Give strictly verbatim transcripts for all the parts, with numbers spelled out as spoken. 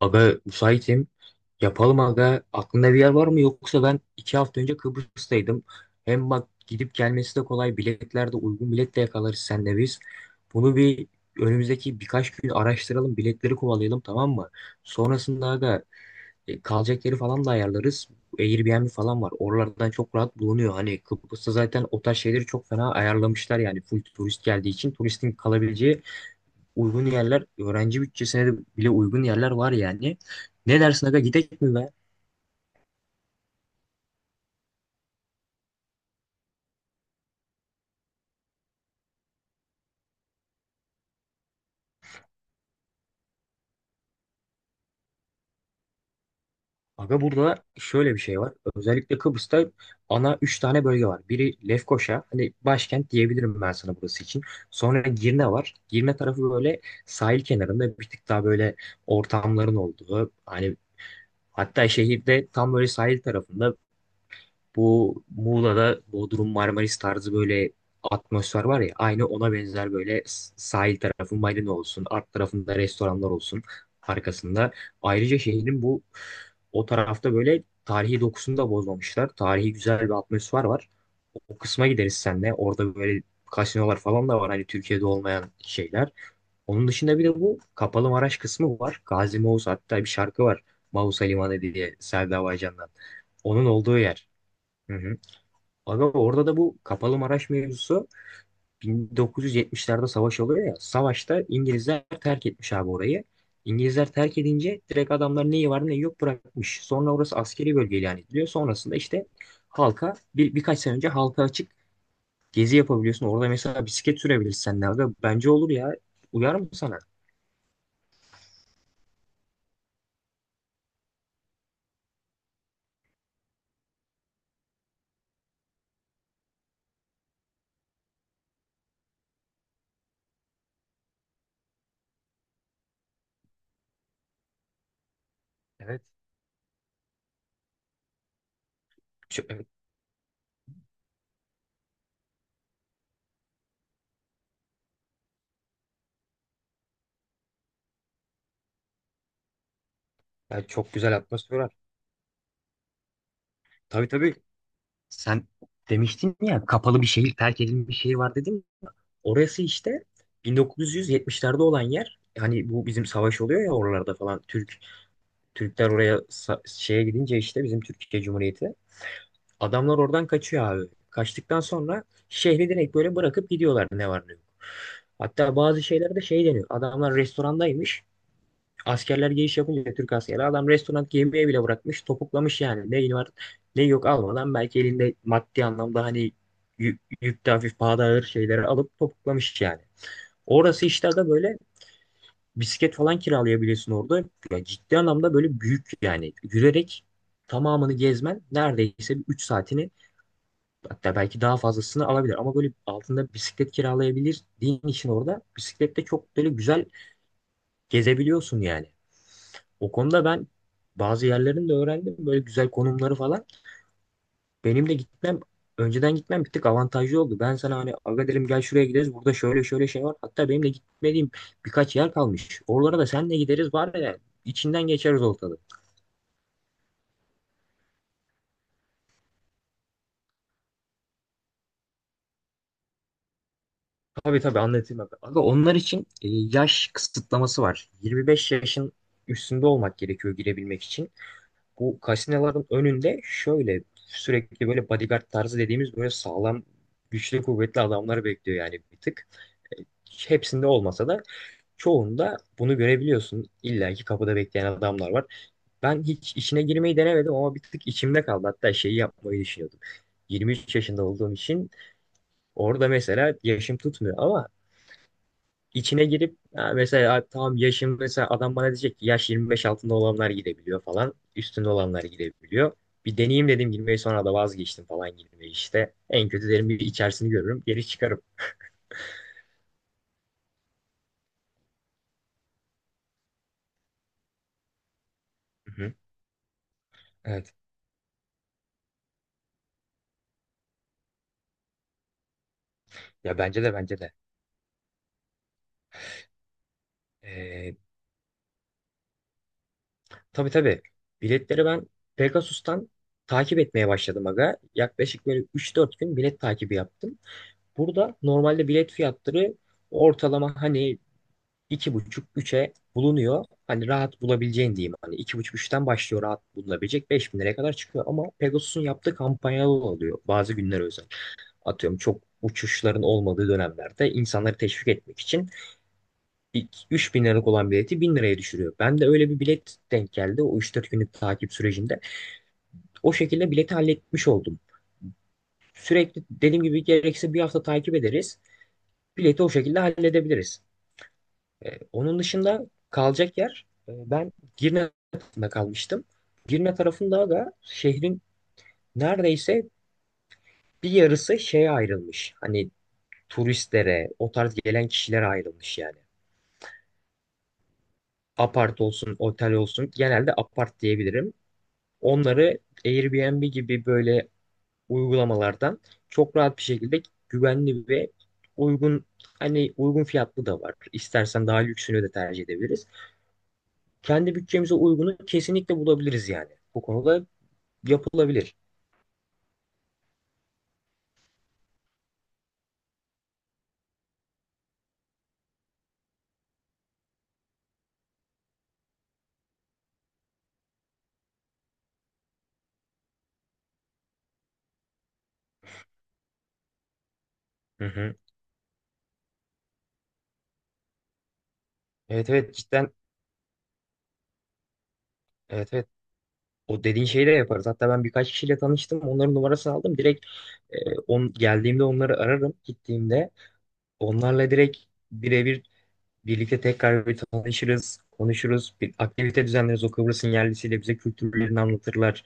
Aga müsaitim. Yapalım aga. Aklında bir yer var mı? Yoksa ben iki hafta önce Kıbrıs'taydım. Hem bak gidip gelmesi de kolay. Biletler de uygun bilet de yakalarız senle biz. Bunu bir önümüzdeki birkaç gün araştıralım. Biletleri kovalayalım, tamam mı? Sonrasında aga, e, kalacak yeri falan da ayarlarız. Airbnb falan var. Oralardan çok rahat bulunuyor. Hani Kıbrıs'ta zaten o tarz şeyleri çok fena ayarlamışlar yani. Full turist geldiği için turistin kalabileceği uygun yerler, öğrenci bütçesine de bile uygun yerler var yani. Ne dersin aga, gidek mi be? Aga burada şöyle bir şey var. Özellikle Kıbrıs'ta ana üç tane bölge var. Biri Lefkoşa, hani başkent diyebilirim ben sana burası için. Sonra Girne var. Girne tarafı böyle sahil kenarında bir tık daha böyle ortamların olduğu. Hani hatta şehirde tam böyle sahil tarafında, bu Muğla'da Bodrum Marmaris tarzı böyle atmosfer var ya, aynı ona benzer böyle s- sahil tarafı marina olsun, art tarafında restoranlar olsun arkasında. Ayrıca şehrin bu o tarafta böyle tarihi dokusunu da bozmamışlar. Tarihi güzel bir atmosfer var. O kısma gideriz senle. Orada böyle kasinolar falan da var. Hani Türkiye'de olmayan şeyler. Onun dışında bir de bu Kapalı Maraş kısmı var. Gazi Mağusa, hatta bir şarkı var. Mausa Limanı diye, Selda Bağcan'dan. Onun olduğu yer. Hı hı. Aga orada da bu Kapalı Maraş mevzusu, bin dokuz yüz yetmişlerde savaş oluyor ya. Savaşta İngilizler terk etmiş abi orayı. İngilizler terk edince direkt adamlar neyi var neyi yok bırakmış. Sonra orası askeri bölge ilan ediliyor. Sonrasında işte halka bir, birkaç sene önce halka açık gezi yapabiliyorsun. Orada mesela bisiklet sürebilirsen de aga bence olur ya. Uyar mı sana? Evet. Çok, evet. Yani çok güzel atmosfer var. Tabii tabii. Sen demiştin ya, kapalı bir şehir, terk edilmiş bir şehir var dedin. Orası işte bin dokuz yüz yetmişlerde olan yer. Hani bu bizim savaş oluyor ya oralarda falan. Türk Türkler oraya sa- şeye gidince, işte bizim Türkiye Cumhuriyeti. Adamlar oradan kaçıyor abi. Kaçtıktan sonra şehri direkt böyle bırakıp gidiyorlar, ne var ne yok. Hatta bazı şeylerde şey deniyor. Adamlar restorandaymış. Askerler giriş yapınca, Türk askeri, adam restoran yemeği bile bırakmış, topuklamış yani. Ne var ne yok almadan, belki elinde maddi anlamda hani yük, yükte hafif pahada ağır şeyleri alıp topuklamış yani. Orası işte aga böyle, bisiklet falan kiralayabilirsin orada. Ya ciddi anlamda böyle büyük, yani yürüyerek tamamını gezmen neredeyse üç saatini, hatta belki daha fazlasını alabilir. Ama böyle altında bisiklet kiralayabildiğin için, orada bisiklette çok böyle güzel gezebiliyorsun yani. O konuda ben bazı yerlerini de öğrendim. Böyle güzel konumları falan. Benim de gitmem Önceden gitmem bir tık avantajlı oldu. Ben sana hani aga dedim, gel şuraya gideriz. Burada şöyle şöyle şey var. Hatta benim de gitmediğim birkaç yer kalmış. Oralara da senle gideriz var ya, içinden geçeriz ortalığı. Tabii tabii anlatayım abi. Aga onlar için e, yaş kısıtlaması var. yirmi beş yaşın üstünde olmak gerekiyor girebilmek için. Bu kasinoların önünde şöyle sürekli böyle bodyguard tarzı dediğimiz böyle sağlam güçlü kuvvetli adamlar bekliyor yani bir tık. E, Hepsinde olmasa da çoğunda bunu görebiliyorsun. İlla ki kapıda bekleyen adamlar var. Ben hiç işine girmeyi denemedim ama bir tık içimde kaldı. Hatta şeyi yapmayı düşünüyordum. yirmi üç yaşında olduğum için orada mesela yaşım tutmuyor, ama içine girip ha, mesela tam yaşım, mesela adam bana diyecek ki yaş yirmi beş altında olanlar girebiliyor falan. Üstünde olanlar girebiliyor. Bir deneyeyim dedim girmeyi, sonra da vazgeçtim falan girmeyi işte. En kötü derim bir içerisini görürüm, geri çıkarım. Hı hı. Evet. Ya bence de bence de. Ee, Tabii tabii. Biletleri ben Pegasus'tan takip etmeye başladım aga. Yaklaşık böyle üç dört gün bilet takibi yaptım. Burada normalde bilet fiyatları ortalama hani iki buçuk üç'e bulunuyor. Hani rahat bulabileceğin diyeyim. Hani iki buçuk üçten başlıyor rahat bulunabilecek. beş bin liraya kadar çıkıyor. Ama Pegasus'un yaptığı kampanyalı oluyor. Bazı günler özel. Atıyorum çok uçuşların olmadığı dönemlerde insanları teşvik etmek için ilk üç bin liralık olan bileti bin liraya düşürüyor. Ben de öyle bir bilet denk geldi o üç dört günlük takip sürecinde. O şekilde bileti halletmiş oldum. Sürekli dediğim gibi gerekirse bir hafta takip ederiz. Bileti o şekilde halledebiliriz. E, onun dışında kalacak yer, e, ben Girne tarafında kalmıştım. Girne tarafında da şehrin neredeyse bir yarısı şeye ayrılmış. Hani turistlere, o tarz gelen kişilere ayrılmış yani. Apart olsun, otel olsun, genelde apart diyebilirim. Onları Airbnb gibi böyle uygulamalardan çok rahat bir şekilde, güvenli ve uygun, hani uygun fiyatlı da var. İstersen daha lüksünü de tercih edebiliriz. Kendi bütçemize uygunu kesinlikle bulabiliriz yani. Bu konuda yapılabilir. Hı hı. Evet evet cidden, evet evet, o dediğin şeyi de yaparız. Hatta ben birkaç kişiyle tanıştım. Onların numarasını aldım. Direkt e, on, geldiğimde onları ararım, gittiğimde. Onlarla direkt birebir birlikte tekrar bir tanışırız, konuşuruz. Bir aktivite düzenleriz. O Kıbrıs'ın yerlisiyle bize kültürlerini anlatırlar.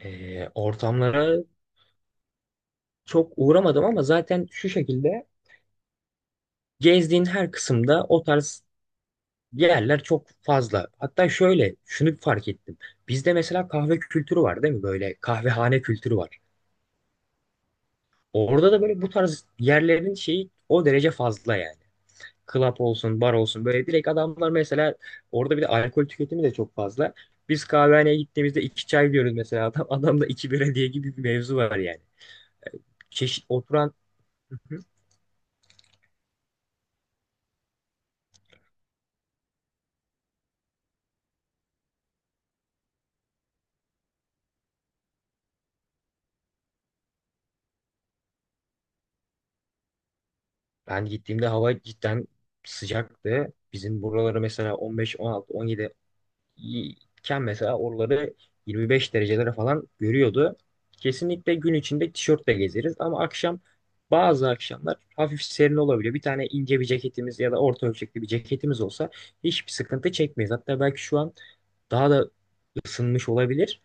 Ee, ortamlara çok uğramadım ama zaten şu şekilde gezdiğin her kısımda o tarz yerler çok fazla. Hatta şöyle şunu fark ettim. Bizde mesela kahve kültürü var, değil mi? Böyle kahvehane kültürü var. Orada da böyle bu tarz yerlerin şeyi o derece fazla yani. Club olsun, bar olsun, böyle direkt adamlar mesela, orada bir de alkol tüketimi de çok fazla. Biz kahvehaneye gittiğimizde iki çay diyoruz mesela, adam, adamda iki bira diye gibi bir mevzu var yani. Çeşit oturan. Ben gittiğimde hava cidden sıcaktı. Bizim buraları mesela on beş, on altı, on yedi iken, mesela oraları yirmi beş derecelere falan görüyordu. Kesinlikle gün içinde tişörtle gezeriz, ama akşam bazı akşamlar hafif serin olabiliyor. Bir tane ince bir ceketimiz ya da orta ölçekli bir ceketimiz olsa hiçbir sıkıntı çekmeyiz. Hatta belki şu an daha da ısınmış olabilir.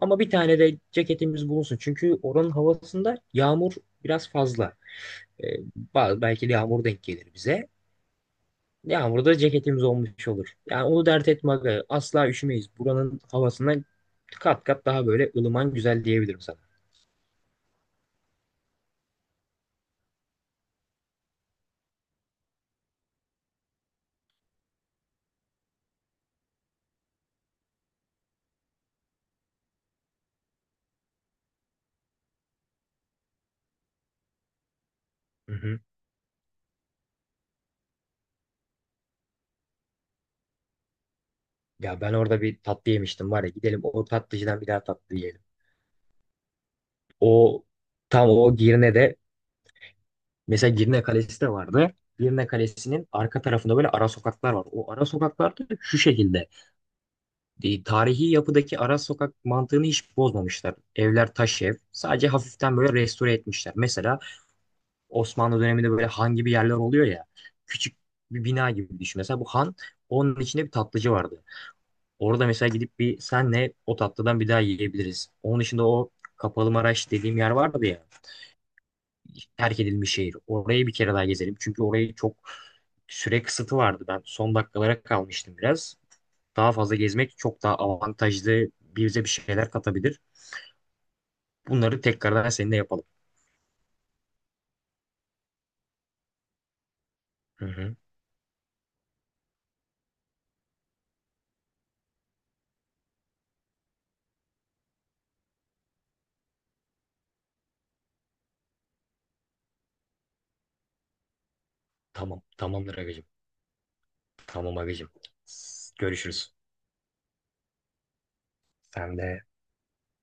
Ama bir tane de ceketimiz bulunsun. Çünkü oranın havasında yağmur biraz fazla. E, ba- Belki de yağmur denk gelir bize. Yağmurda ceketimiz olmuş olur. Yani onu dert etme aga. Asla üşümeyiz. Buranın havasından kat kat daha böyle ılıman güzel diyebilirim sana. Hı hı. Ya ben orada bir tatlı yemiştim var ya, gidelim o tatlıcıdan bir daha tatlı yiyelim. O tam o Girne'de, mesela Girne Kalesi de vardı. Girne Kalesi'nin arka tarafında böyle ara sokaklar var. O ara sokaklar da şu şekilde. E, tarihi yapıdaki ara sokak mantığını hiç bozmamışlar. Evler taş ev. Sadece hafiften böyle restore etmişler. Mesela Osmanlı döneminde böyle han gibi yerler oluyor ya. Küçük bir bina gibi düşün. Mesela bu han, onun içinde bir tatlıcı vardı. Orada mesela gidip bir senle o tatlıdan bir daha yiyebiliriz. Onun dışında o Kapalı Maraş dediğim yer vardı ya. Terk edilmiş şehir. Orayı bir kere daha gezelim. Çünkü orayı çok süre kısıtı vardı. Ben son dakikalara kalmıştım biraz. Daha fazla gezmek çok daha avantajlı, bize bir şeyler katabilir. Bunları tekrardan seninle yapalım. Hı hı. Tamam. Tamamdır agacım. Tamam agacım. S- Görüşürüz. Sen de